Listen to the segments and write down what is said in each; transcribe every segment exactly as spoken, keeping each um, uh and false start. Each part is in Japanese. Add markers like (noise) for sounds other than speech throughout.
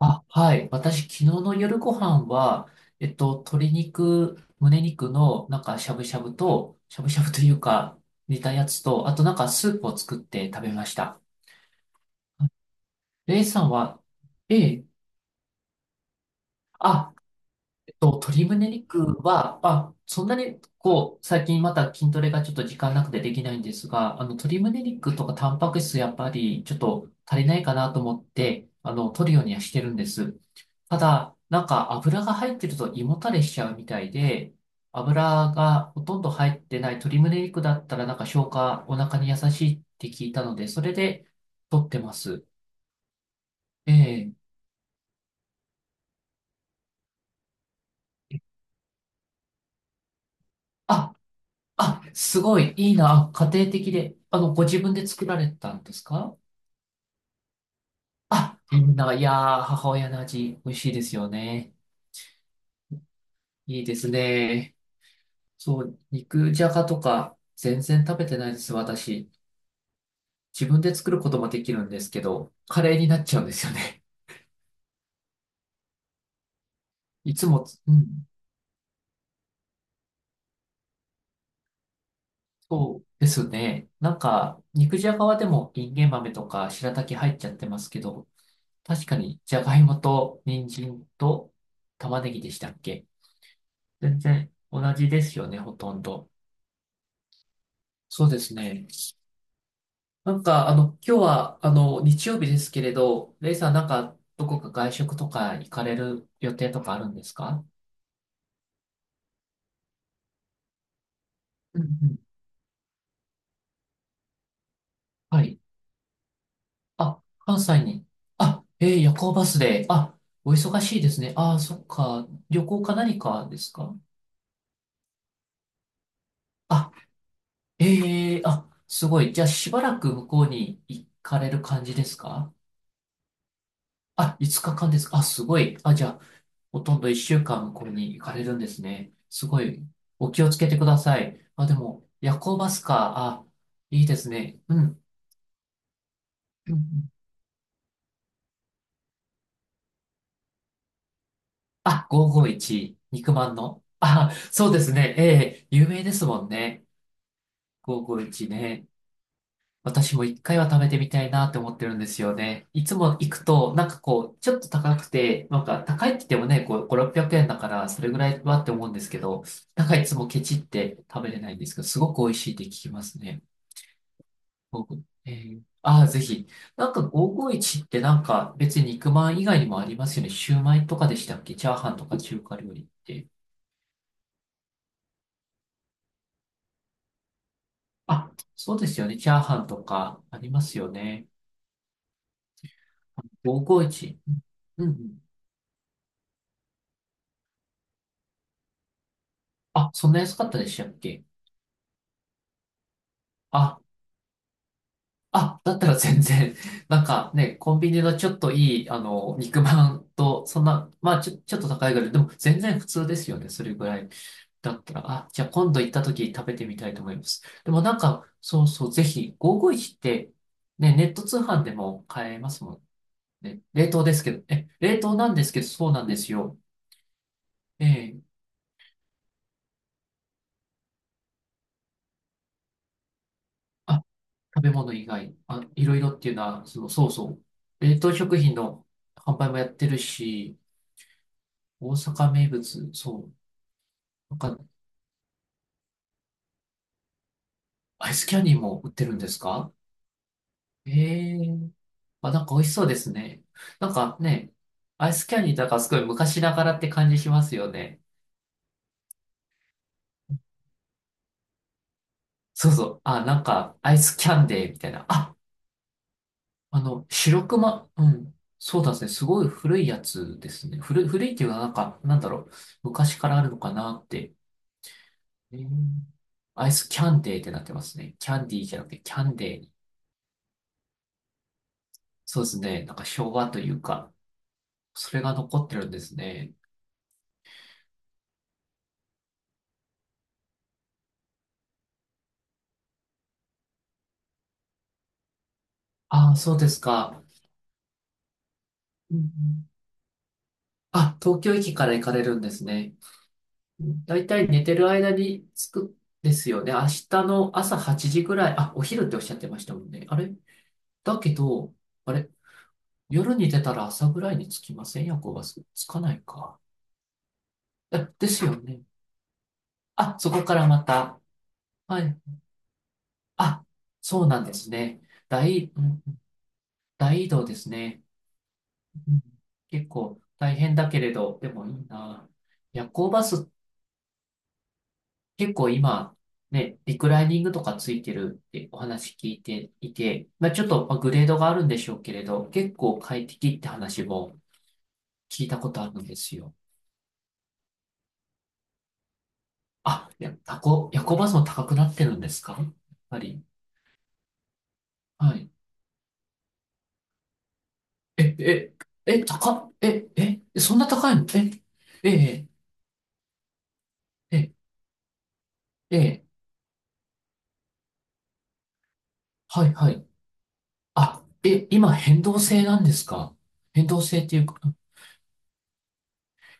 あ、はい。私、昨日の夜ご飯は、えっと、鶏肉、胸肉の、なんか、しゃぶしゃぶと、しゃぶしゃぶというか、煮たやつと、あとなんか、スープを作って食べました。レイさんは、ええ、あ、と、鶏胸肉は、あ、そんなに、こう、最近また筋トレがちょっと時間なくてできないんですが、あの、鶏胸肉とかタンパク質やっぱりちょっと足りないかなと思って、あの、取るようにはしてるんです。ただ、なんか油が入ってると胃もたれしちゃうみたいで、油がほとんど入ってない鶏胸肉だったらなんか消化、お腹に優しいって聞いたので、それで取ってます。ええ、ああ、すごい、いいな、家庭的で。あの、ご自分で作られたんですか？あ、いいな、いやー、母親の味、美味しいですよね。いいですね。そう、肉じゃがとか、全然食べてないです、私。自分で作ることもできるんですけど、カレーになっちゃうんですよね。いつも、うん、そうですね。なんか、肉じゃがはでも、インゲン豆とか、白滝入っちゃってますけど、確かに、じゃがいもと、人参と、玉ねぎでしたっけ？全然同じですよね、ほとんど。そうですね。なんか、あの、今日は、あの、日曜日ですけれど、レイさん、なんか、どこか外食とか行かれる予定とかあるんですか？うんうん。はい。あ、関西に。あ、えー、夜行バスで。あ、お忙しいですね。あー、そっか。旅行か何かですか？あ、えー、あ、すごい。じゃあ、しばらく向こうに行かれる感じですか？あ、ごにちかんですか？あ、すごい。あ、じゃあ、ほとんどいっしゅうかんこれに行かれるんですね。すごい、お気をつけてください。あ、でも、夜行バスか。あ、いいですね。うん。うんうん。あ、ごーごーいち、肉まんの。あ、そうですね。ええ、有名ですもんね。ごーごーいちね。私も一回は食べてみたいなって思ってるんですよね。いつも行くと、なんかこう、ちょっと高くて、なんか高いって言ってもね、こう、ご、ろっぴゃくえんだから、それぐらいはって思うんですけど、なんかいつもケチって食べれないんですけど、すごく美味しいって聞きますね。僕、えー、ああ、ぜひ。なんかごーごーいちってなんか別に肉まん以外にもありますよね。シューマイとかでしたっけ？チャーハンとか中華料理って。あ、そうですよね。チャーハンとかありますよね。ごーごーいち。うんうん。あ、そんな安かったでしたっけ？あ、あ、だったら全然、(laughs) なんかね、コンビニのちょっといい、あの、肉まんと、そんな、まあちょ、ちょっと高いぐらい、でも全然普通ですよね。それぐらいだったら、あ、じゃあ今度行った時食べてみたいと思います。でもなんか、そうそう、ぜひ、ごーごーいちって、ね、ネット通販でも買えますもんね。冷凍ですけど、え、冷凍なんですけど、そうなんですよ。ええ、あ、食べ物以外、あ、いろいろっていうのは、その、そうそう、冷凍食品の販売もやってるし、大阪名物、そう、なんか、アイスキャンディーも売ってるんですか？ええ、あ、なんか美味しそうですね。なんかね、アイスキャンディーとかすごい昔ながらって感じしますよね。そうそう。あ、なんかアイスキャンデーみたいな。あ、あの、白熊、うん。そうなんですね。すごい古いやつですね。古い、古いっていうのはなんか、なんだろう。昔からあるのかなって。えー、アイスキャンデーってなってますね。キャンディーじゃなくてキャンデーに。そうですね。なんか昭和というか、それが残ってるんですね。ああ、そうですか。うんうん、あ、東京駅から行かれるんですね。だいたい寝てる間に着くですよね。明日の朝はちじぐらい、あ、お昼っておっしゃってましたもんね。あれだけど、あれ夜に出たら朝ぐらいに着きません？夜行バス。着かないか。え、ですよね。あ、そこからまた。はい。あ、そうなんですね。大、うん、大移動ですね。うん、結構大変だけれど、でもいいな。夜行バスっ、結構今、ね、リクライニングとかついてるってお話聞いていて、まあ、ちょっとまあグレードがあるんでしょうけれど、結構快適って話も聞いたことあるんですよ。あ、いや、タコ、夜行バスも高くなってるんですか、やっぱり。はい。え、え、え、高っ、え、え、そんな高いの？え、え、え、え、え、はい、はい。あ、え、今変動制なんですか？変動制っていうか、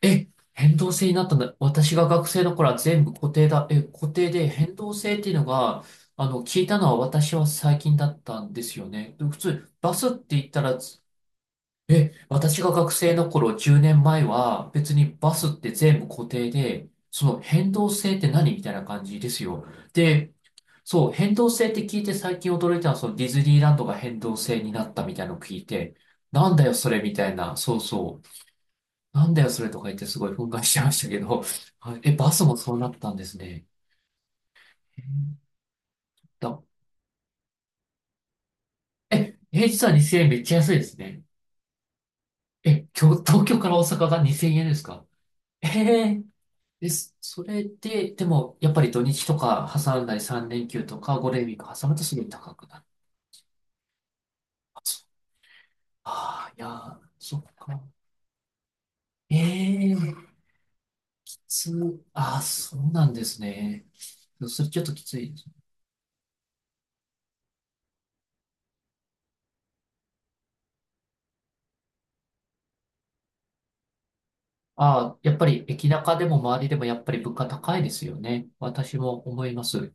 え、変動制になったんだ。私が学生の頃は全部固定だ。え、固定で変動制っていうのが、あの、聞いたのは私は最近だったんですよね。で普通、バスって言ったらつ、え、私が学生の頃じゅうねんまえは別にバスって全部固定で、その変動制って何みたいな感じですよ。で、そう、変動制って聞いて最近驚いたのは、そのディズニーランドが変動制になったみたいなのを聞いて、なんだよそれみたいな、そうそう。なんだよ、それとか言ってすごい憤慨してましたけど、はい、え、バスもそうなったんですね。えー、だ、え、平日はにせんえんめっちゃ安いですね。え、今日、東京から大阪がにせんえんですか？ (laughs) ええです。それで、でも、やっぱり土日とか挟んだりさん連休とかご連休挟むとすごい高くなる。ああ、いやー、そっか。ええー、きつ、ああ、そうなんですね。それちょっときつい。ああ、やっぱり駅中でも周りでもやっぱり物価高いですよね。私も思います。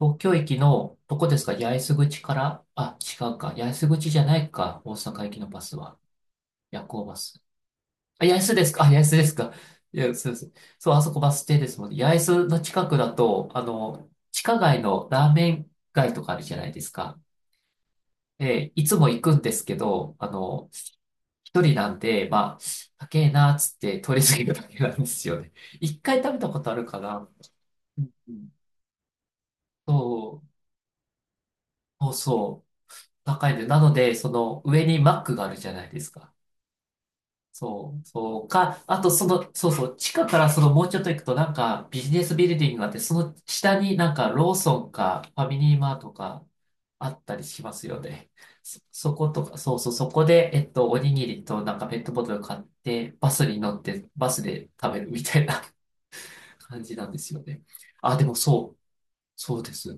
東京駅の、どこですか？八重洲口から、あ、違うか。八重洲口じゃないか。大阪駅のバスは。夜行バス。あ、八重洲ですか？あ、八重洲ですか。いや、そうです。そう、あそこバス停ですもんね。八重洲の近くだと、あの、地下街のラーメン街とかあるじゃないですか。で、いつも行くんですけど、あの、一人なんで、まあ、高えなーっつって通り過ぎるだけなんですよね。一回食べたことあるかな。うんうん、そう、そうそう、高いんで、なので、その上にマックがあるじゃないですか。そう、そうか、あとその、そうそう、地下からそのもうちょっと行くとなんかビジネスビルディングがあって、その下になんかローソンかファミリーマートかあったりしますよね。そ、そことか、そうそう、そこで、えっと、おにぎりとなんかペットボトル買って、バスに乗って、バスで食べるみたいな (laughs) 感じなんですよね。あ、でもそう、そうです。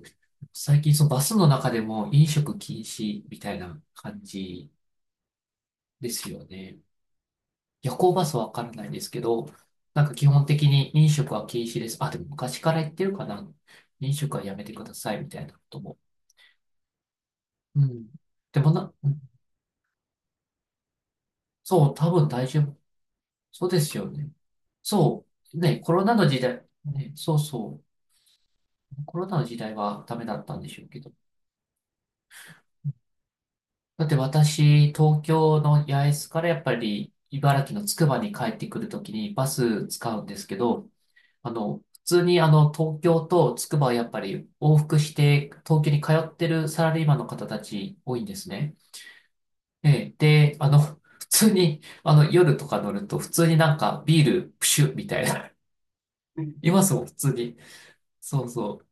最近そのバスの中でも飲食禁止みたいな感じですよね。夜行バスはわからないんですけど、なんか基本的に飲食は禁止です。あ、でも昔から言ってるかな。飲食はやめてくださいみたいなことも。うん。でもな、うん、そう、多分大丈夫。そうですよね。そう。ね、コロナの時代、ね、そうそう。コロナの時代はダメだったんでしょうけど。だって私、東京の八重洲からやっぱり茨城のつくばに帰ってくるときにバス使うんですけど、あの、普通にあの、東京と筑波はやっぱり往復して東京に通ってるサラリーマンの方たち多いんですね。ええ、で、あの、普通に、あの、夜とか乗ると普通になんかビールプシュッみたいな、(laughs) いますもん、普通に。そうそう。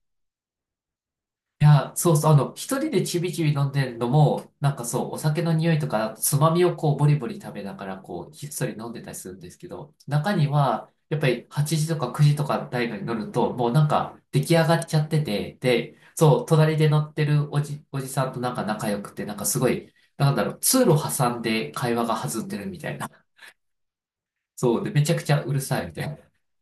いや、そうそう、あの、一人でちびちび飲んでるのも、なんかそう、お酒の匂いとか、つまみをこう、ボリボリ食べながら、こう、ひっそり飲んでたりするんですけど、中には、やっぱりはちじとかくじとか大学に乗ると、もうなんか、出来上がっちゃってて、で、そう、隣で乗ってるおじ、おじさんとなんか仲良くて、なんかすごい、なんだろう、通路挟んで会話が弾んでるみたいな、そう。で、めちゃくちゃうるさいみたいな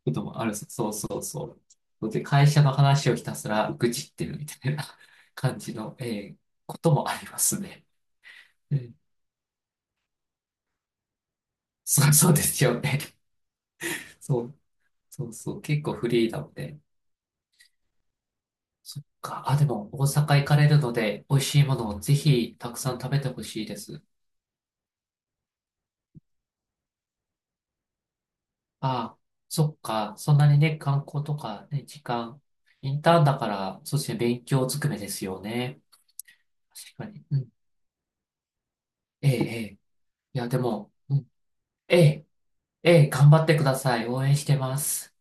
こともある。そうそうそう。で、会社の話をひたすら愚痴ってるみたいな感じの、えー、こともありますね。うん、そうそうですよね。そう、そうそう。結構フリーなので。そっか。あ、でも、大阪行かれるので、美味しいものをぜひたくさん食べてほしいです。あ、そっか。そんなにね、観光とかね、時間、インターンだから、そうですね、勉強ずくめですよね。確かに。うん。ええ、ええ。いや、でも、うん、ええ、ええ、頑張ってください。応援してます。